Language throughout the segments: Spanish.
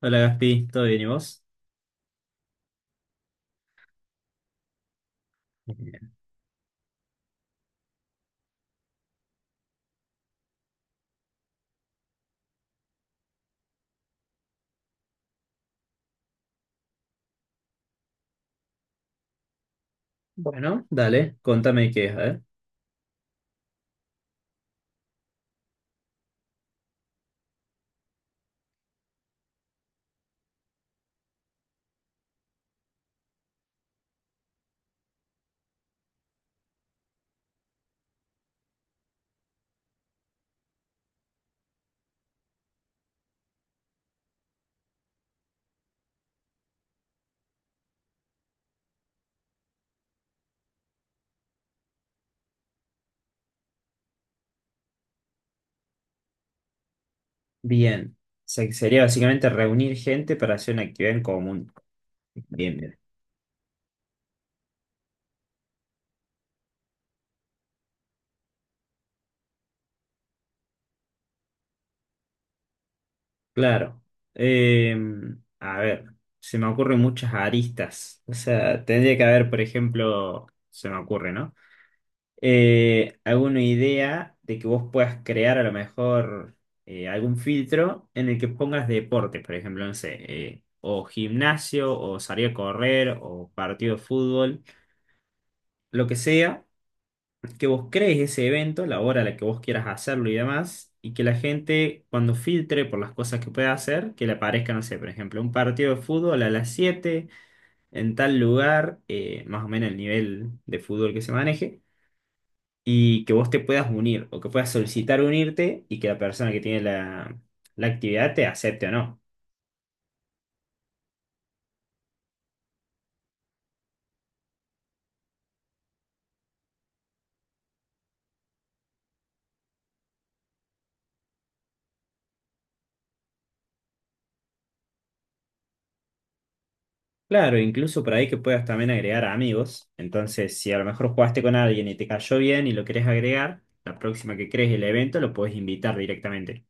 Hola Gaspi, ¿todo bien y vos? Bien. Bueno, dale, contame qué es, a ver. Bien. Sería básicamente reunir gente para hacer una actividad en común. Bien, bien. Claro. Eh, a ver, se me ocurren muchas aristas. O sea, tendría que haber, por ejemplo, se me ocurre, ¿no? alguna idea de que vos puedas crear a lo mejor algún filtro en el que pongas deporte, por ejemplo, no sé, o gimnasio, o salir a correr, o partido de fútbol, lo que sea, que vos crees ese evento, la hora a la que vos quieras hacerlo y demás, y que la gente cuando filtre por las cosas que pueda hacer, que le aparezca, no sé, por ejemplo, un partido de fútbol a las 7 en tal lugar, más o menos el nivel de fútbol que se maneje y que vos te puedas unir o que puedas solicitar unirte y que la persona que tiene la actividad te acepte o no. Claro, incluso por ahí que puedas también agregar amigos. Entonces, si a lo mejor jugaste con alguien y te cayó bien y lo querés agregar, la próxima que crees el evento lo podés invitar directamente.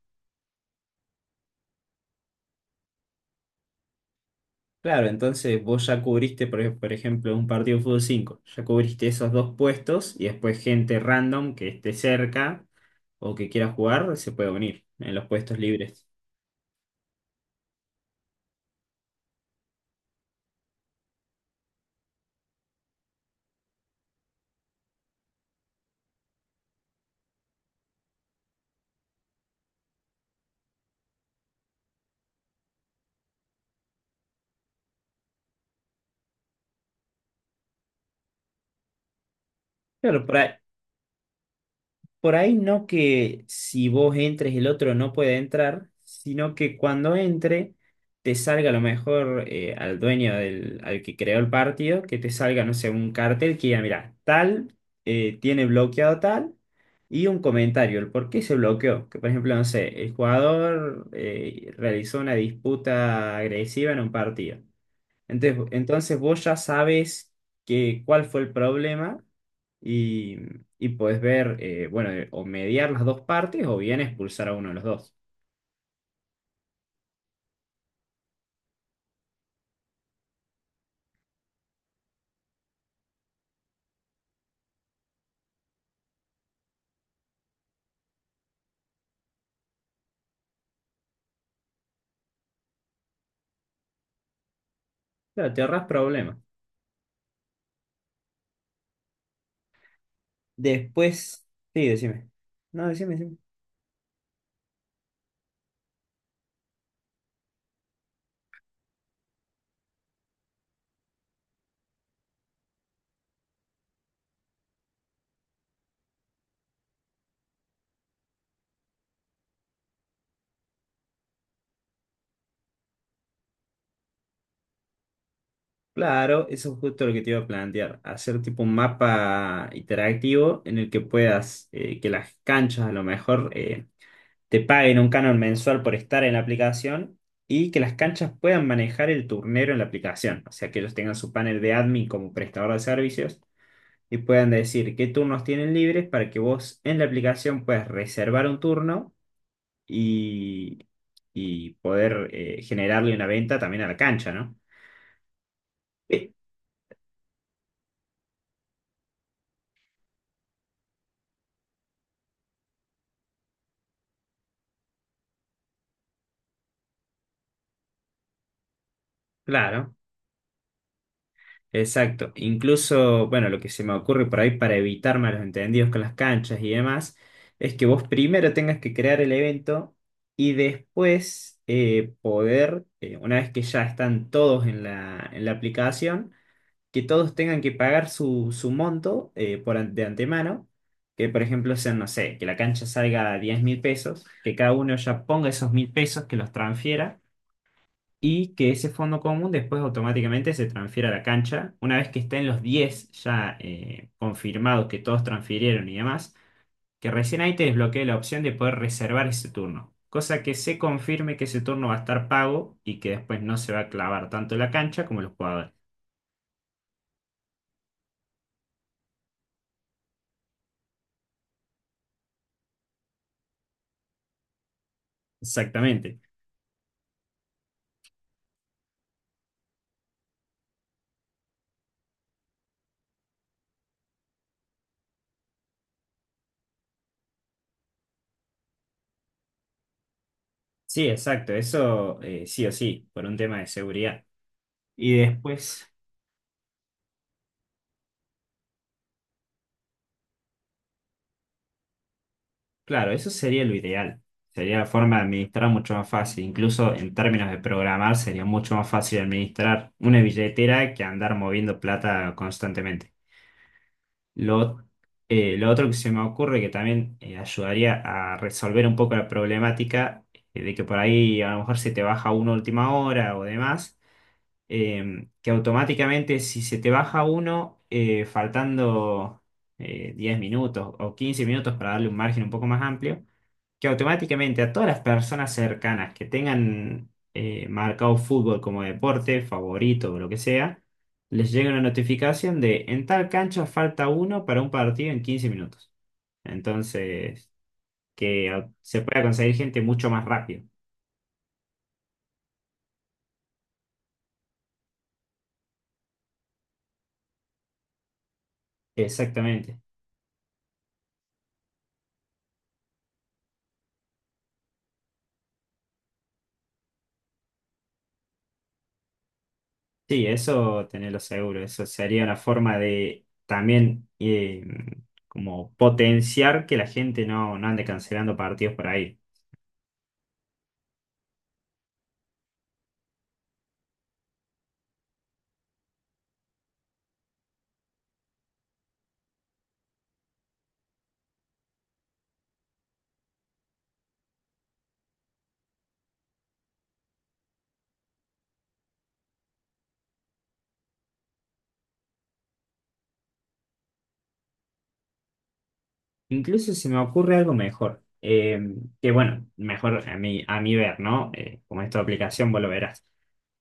Claro, entonces vos ya cubriste, por ejemplo, un partido de fútbol 5 ya cubriste esos dos puestos y después gente random que esté cerca o que quiera jugar se puede unir en los puestos libres. Claro, por ahí. Por ahí no que si vos entres el otro no puede entrar, sino que cuando entre te salga a lo mejor al dueño del, al que creó el partido, que te salga, no sé, un cartel que diga, mira, tal tiene bloqueado tal y un comentario, el por qué se bloqueó. Que por ejemplo, no sé, el jugador realizó una disputa agresiva en un partido. Entonces, vos ya sabes que, cuál fue el problema y, y podés ver, bueno, o mediar las dos partes o bien expulsar a uno de los dos. Claro, te ahorras problemas. Después, sí, decime. No, decime, decime. Claro, eso es justo lo que te iba a plantear. Hacer tipo un mapa interactivo en el que puedas, que las canchas a lo mejor te paguen un canon mensual por estar en la aplicación y que las canchas puedan manejar el turnero en la aplicación. O sea, que ellos tengan su panel de admin como prestador de servicios y puedan decir qué turnos tienen libres para que vos en la aplicación puedas reservar un turno y, y poder generarle una venta también a la cancha, ¿no? Eh, Claro. Exacto. Incluso, bueno, lo que se me ocurre por ahí para evitar malos entendidos con las canchas y demás, es que vos primero tengas que crear el evento y después poder, una vez que ya están todos en la aplicación, que todos tengan que pagar su, su monto de antemano, que por ejemplo sean, no sé, que la cancha salga a 10.000 pesos, que cada uno ya ponga esos 1.000 pesos, que los transfiera y que ese fondo común después automáticamente se transfiera a la cancha. Una vez que estén los 10 ya confirmados que todos transfirieron y demás, que recién ahí te desbloquee la opción de poder reservar ese turno. Cosa que se confirme que ese turno va a estar pago y que después no se va a clavar tanto la cancha como los jugadores. Exactamente. Sí, exacto. Eso sí o sí, por un tema de seguridad. Y después, claro, eso sería lo ideal. Sería la forma de administrar mucho más fácil. Incluso en términos de programar sería mucho más fácil administrar una billetera que andar moviendo plata constantemente. Lo, lo otro que se me ocurre que también ayudaría a resolver un poco la problemática de que por ahí a lo mejor se te baja uno a última hora o demás, que automáticamente si se te baja uno faltando 10 minutos o 15 minutos para darle un margen un poco más amplio, que automáticamente a todas las personas cercanas que tengan marcado fútbol como deporte, favorito o lo que sea, les llega una notificación de en tal cancha falta uno para un partido en 15 minutos. Entonces, se pueda conseguir gente mucho más rápido. Exactamente. Sí, eso tenerlo seguro. Eso sería una forma de también como potenciar que la gente no, no ande cancelando partidos por ahí. Incluso se me ocurre algo mejor, que bueno, mejor a mí, a mi ver, ¿no? Como es tu aplicación, vos lo verás.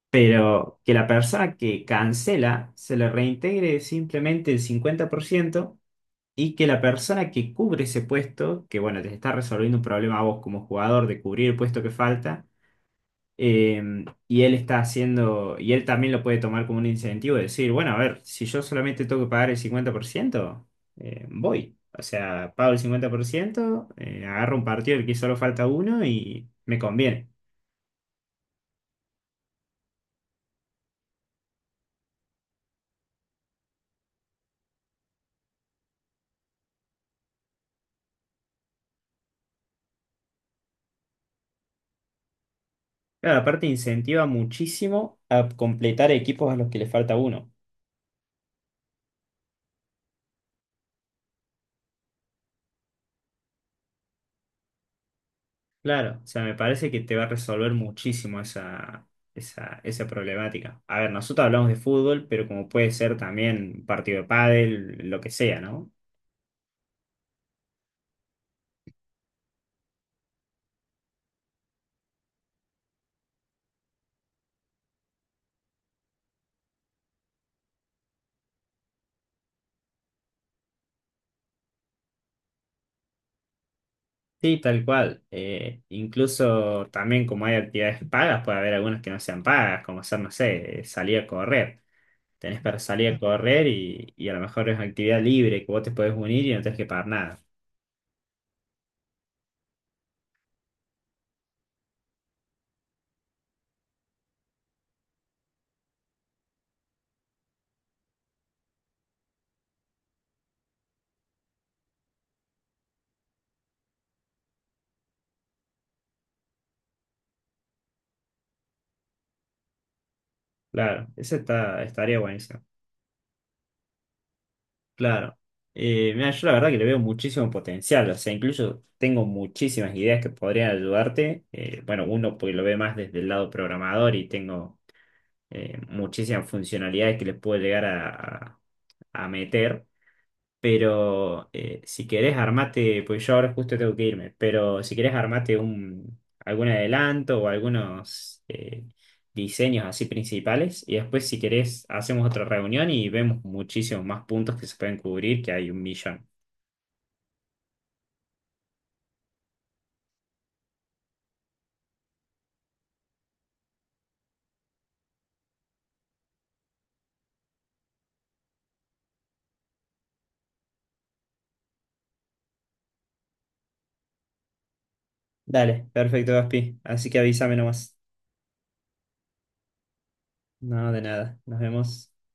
Pero que la persona que cancela se le reintegre simplemente el 50% y que la persona que cubre ese puesto, que bueno, te está resolviendo un problema a vos como jugador de cubrir el puesto que falta, y él está haciendo, y él también lo puede tomar como un incentivo de decir, bueno, a ver, si yo solamente tengo que pagar el 50%, voy. O sea, pago el 50%, agarro un partido del que solo falta uno y me conviene. Claro, aparte incentiva muchísimo a completar equipos a los que le falta uno. Claro, o sea, me parece que te va a resolver muchísimo esa problemática. A ver, nosotros hablamos de fútbol, pero como puede ser también un partido de pádel, lo que sea, ¿no? Sí, tal cual. Incluso también como hay actividades pagas, puede haber algunas que no sean pagas, como hacer, no sé, salir a correr. Tenés para salir a correr y a lo mejor es actividad libre que vos te podés unir y no tenés que pagar nada. Claro, eso está, estaría buenísimo. Claro. Mira, yo la verdad que le veo muchísimo potencial. O sea, incluso tengo muchísimas ideas que podrían ayudarte. Bueno, uno porque lo ve más desde el lado programador y tengo muchísimas funcionalidades que les puedo llegar a meter. Pero si querés armate, pues yo ahora justo tengo que irme, pero si querés armate un, algún adelanto o algunos diseños así principales y después si querés hacemos otra reunión y vemos muchísimos más puntos que se pueden cubrir, que hay 1.000.000. Dale, perfecto, Gaspi. Así que avísame nomás. No, de nada. Nos vemos.